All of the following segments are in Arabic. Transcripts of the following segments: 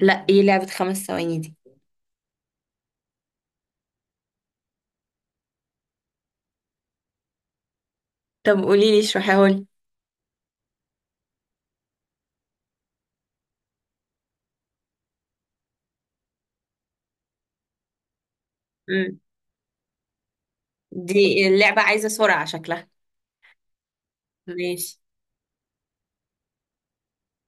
لا، ايه لعبة 5 ثواني دي؟ طب قولي لي، اشرحيها لي. مم. دي اللعبة عايزة سرعة شكلها. ماشي.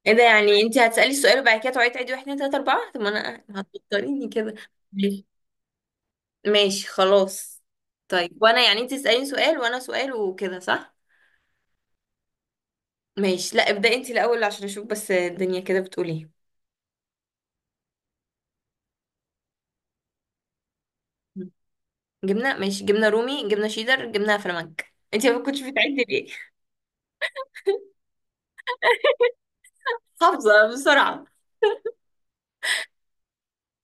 ايه ده يعني انت هتسألي السؤال وبعد كده تقعدي تعيدي واحد اتنين تلاتة اربعة؟ طب ما انا هتضطريني كده. ماشي ماشي، خلاص. طيب وانا يعني انت تسأليني سؤال وانا سؤال وكده صح؟ ماشي. لا ابدأي انت الاول عشان اشوف بس الدنيا كده بتقول ايه. مم. جبنة، ماشي. جبنة رومي، جبنة شيدر، جبنة فلامنك. انت ما كنتش بتعدي ليه؟ حافظة بسرعة.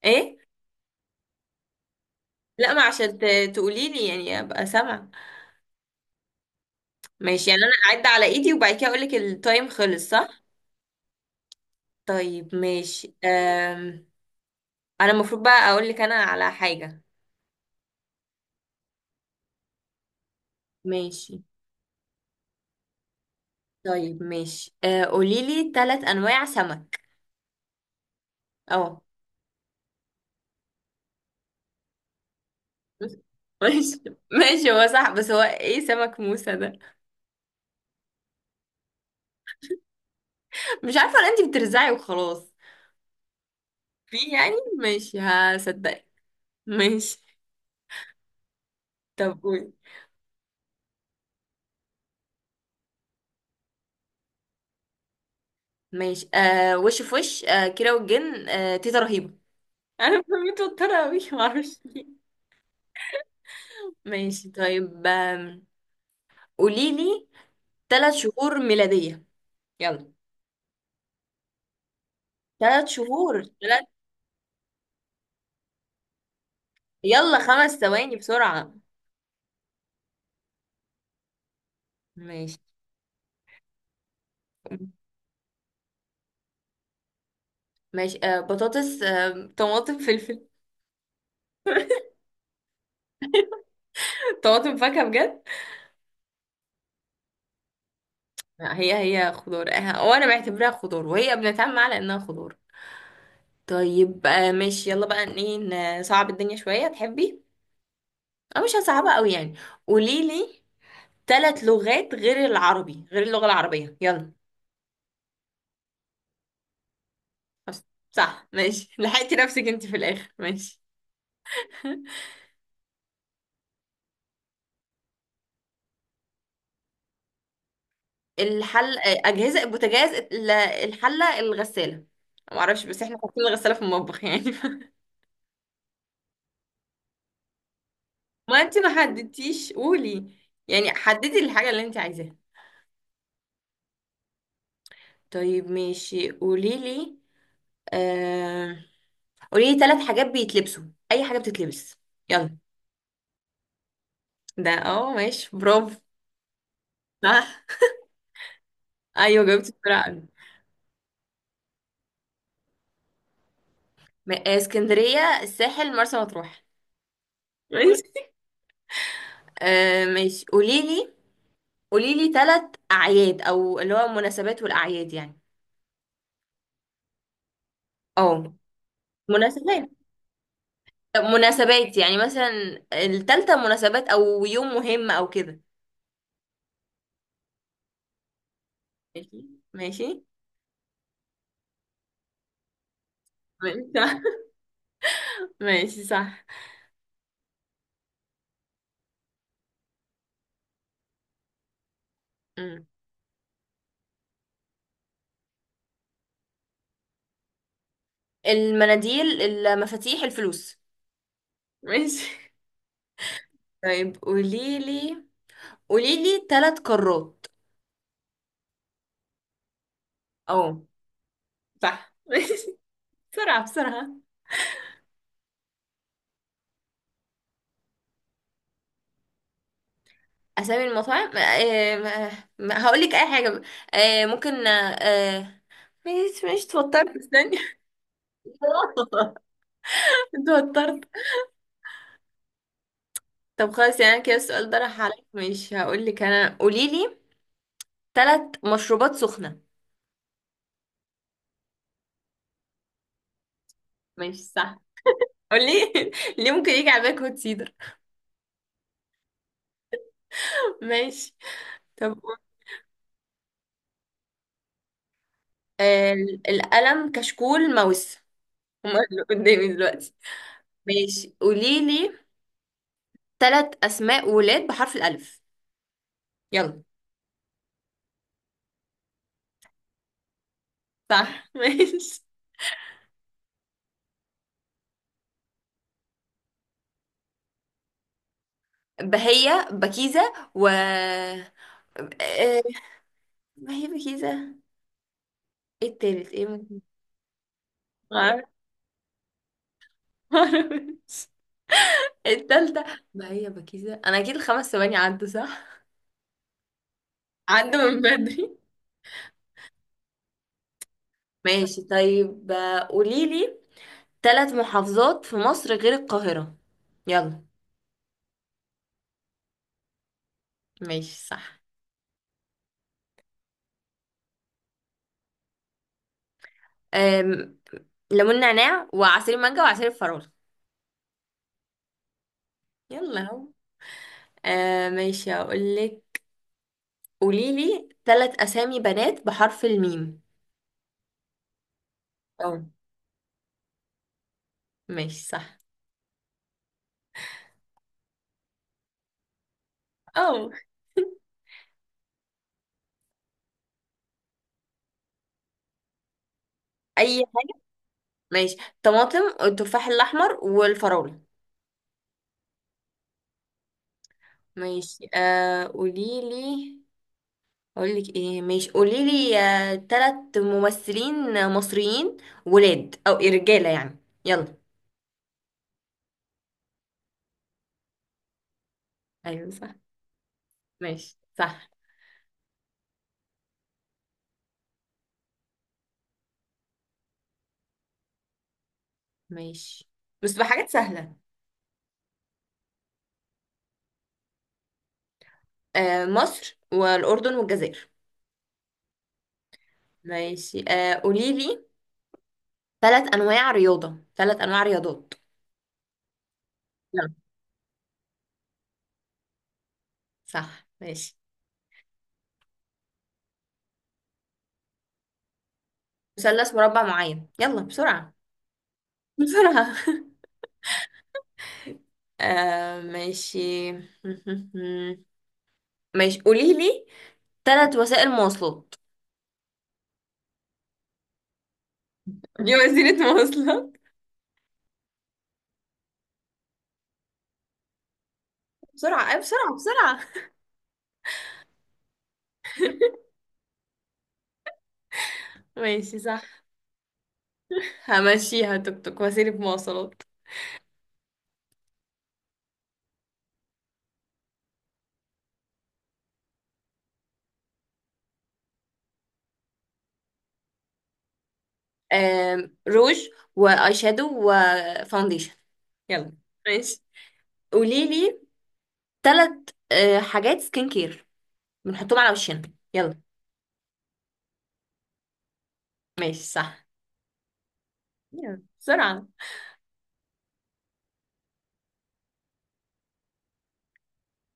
ايه؟ لا ما عشان تقولي لي يعني ابقى سامعة. ماشي، يعني انا اعد على ايدي وبعد كده اقول لك التايم خلص صح؟ طيب ماشي. انا المفروض بقى اقول لك انا على حاجة. ماشي. طيب ماشي، قولي لي ثلاث انواع سمك. اه، ماشي. ماشي هو صح، بس هو ايه سمك موسى ده؟ مش عارفة، ولا انتي بترزعي وخلاص؟ في يعني، ماشي هصدقك. ماشي. طب قولي. ماشي وش في وش، كيرة والجن، تيتا رهيبة. انا متوترة اوي معرفش. ماشي طيب قوليلي 3 شهور ميلادية، يلا. 3 شهور، ثلاث. يلا 5 ثواني بسرعة. ماشي. ماشي، بطاطس، طماطم، فلفل. طماطم فاكهة بجد؟ لا، هي هي خضار، وانا بعتبرها خضار وهي بنتعامل على انها خضار. طيب ماشي، يلا بقى ايه. نصعب الدنيا شوية تحبي؟ أو مش هصعبها قوي يعني. قوليلي ثلاث لغات غير العربي، غير اللغة العربية، يلا. بس. صح، ماشي، لحقتي نفسك انت في الاخر. ماشي. الحل، اجهزه، البوتاجاز، الحله، الغساله. ما اعرفش بس احنا حاطين الغساله في المطبخ يعني. ما انت ما حددتيش، قولي، يعني حددي الحاجه اللي انت عايزاها. طيب ماشي، قولي لي. آه... قولي لي ثلاث حاجات بيتلبسوا، اي حاجه بتتلبس. يلا. ده اه ماشي، برافو. صح. ايوه جاوبتي بسرعه قوي. اسكندريه، الساحل، مرسى مطروح. ماشي. ماشي، قولي لي. قولي لي ثلاث اعياد، او اللي هو المناسبات والاعياد يعني. اه مناسبات. طب مناسبات يعني مثلا الثالثه مناسبات او يوم مهم او كده. ماشي، ماشي. ماشي صح. ماشي صح. أمم. المناديل، المفاتيح، الفلوس. ماشي. طيب قولي لي. قولي لي ثلاث قارات. اه. صح. ماشي. بسرعة بسرعة. أسامي المطاعم، هقول لك أي حاجة، ممكن، آه، مش توترت، استني. انت وترت. طب خلاص، يعني كده السؤال ده راح عليك، مش هقول لك انا. قولي لي ثلاث مشروبات سخنه. ماشي صح. قولي. ليه ممكن يجي على بالك هوت سيدر؟ ماشي. طب قول. آه القلم، كشكول، ماوس. هم اللي قدامي دلوقتي. ماشي. قولي لي ثلاث اسماء ولاد بحرف الالف، يلا. صح. ماشي. بهية، بكيزة، و ما هي بكيزة. ايه التالت، ايه ممكن، معرفش. التالتة. ما هي بكيزة انا اكيد الخمس ثواني عدوا صح، عدوا من بدري. ماشي طيب قوليلي ثلاث محافظات في مصر غير القاهرة، يلا. ماشي صح. أم... ليمون نعناع، وعصير مانجا، وعصير الفراولة. يلا اهو. ماشي هقولك، قوليلي ثلاث اسامي بنات بحرف الميم. اه. ماشي صح. اه. اي حاجة. ماشي. طماطم، والتفاح الاحمر، والفراولة. ماشي قوليلي. اقولك ايه، ماشي، قوليلي تلات ممثلين مصريين ولاد، او إيه، رجاله يعني. يلا. ايوه صح. ماشي صح. ماشي. بس بحاجات سهله. مصر، والاردن، والجزائر. ماشي قوليلي تلات انواع رياضه، تلات انواع رياضات. يلا. صح ماشي. مثلث، مربع، معين. يلا بسرعه، بسرعه. ماشي. ماشي، قوليلي تلات وسائل مواصلات. دي وسيله مواصلات؟ بسرعة أي بسرعة بسرعة. ماشي صح. همشيها، توك توك وسيلة مواصلات. روج، واي شادو، وفاونديشن. يلا. ماشي. قولي لي ثلاث حاجات سكين كير بنحطهم على وشنا. يلا. ماشي صح. يلا بسرعة.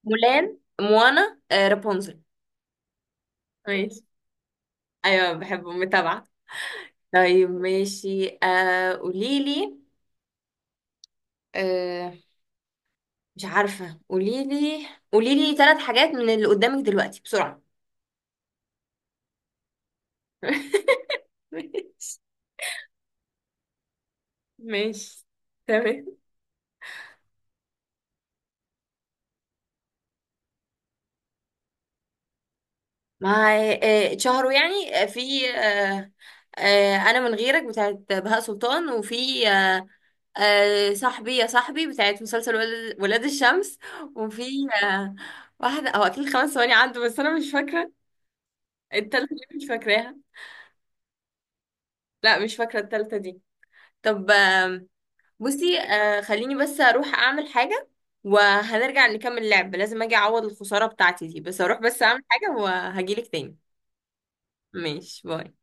مولان، موانا، رابونزل. ماشي. أيوة بحبه متابعة. طيب ماشي، قولي لي. آه، مش عارفة، قولي لي. قولي لي ثلاث حاجات من اللي قدامك دلوقتي بسرعة. ماشي. ماشي. تمام. مع، اتشهروا يعني، في، انا من غيرك بتاعت بهاء سلطان، وفي صاحبي يا صاحبي بتاعت مسلسل ولاد الشمس. وفي آه، واحدة، او اكيد 5 ثواني عنده بس انا مش فاكرة التالتة دي، مش فاكراها. لا مش فاكرة التالتة دي. طب بصي خليني بس اروح اعمل حاجة وهنرجع نكمل لعب. لازم اجي اعوض الخسارة بتاعتي دي. بس اروح بس اعمل حاجة وهجيلك تاني. ماشي باي.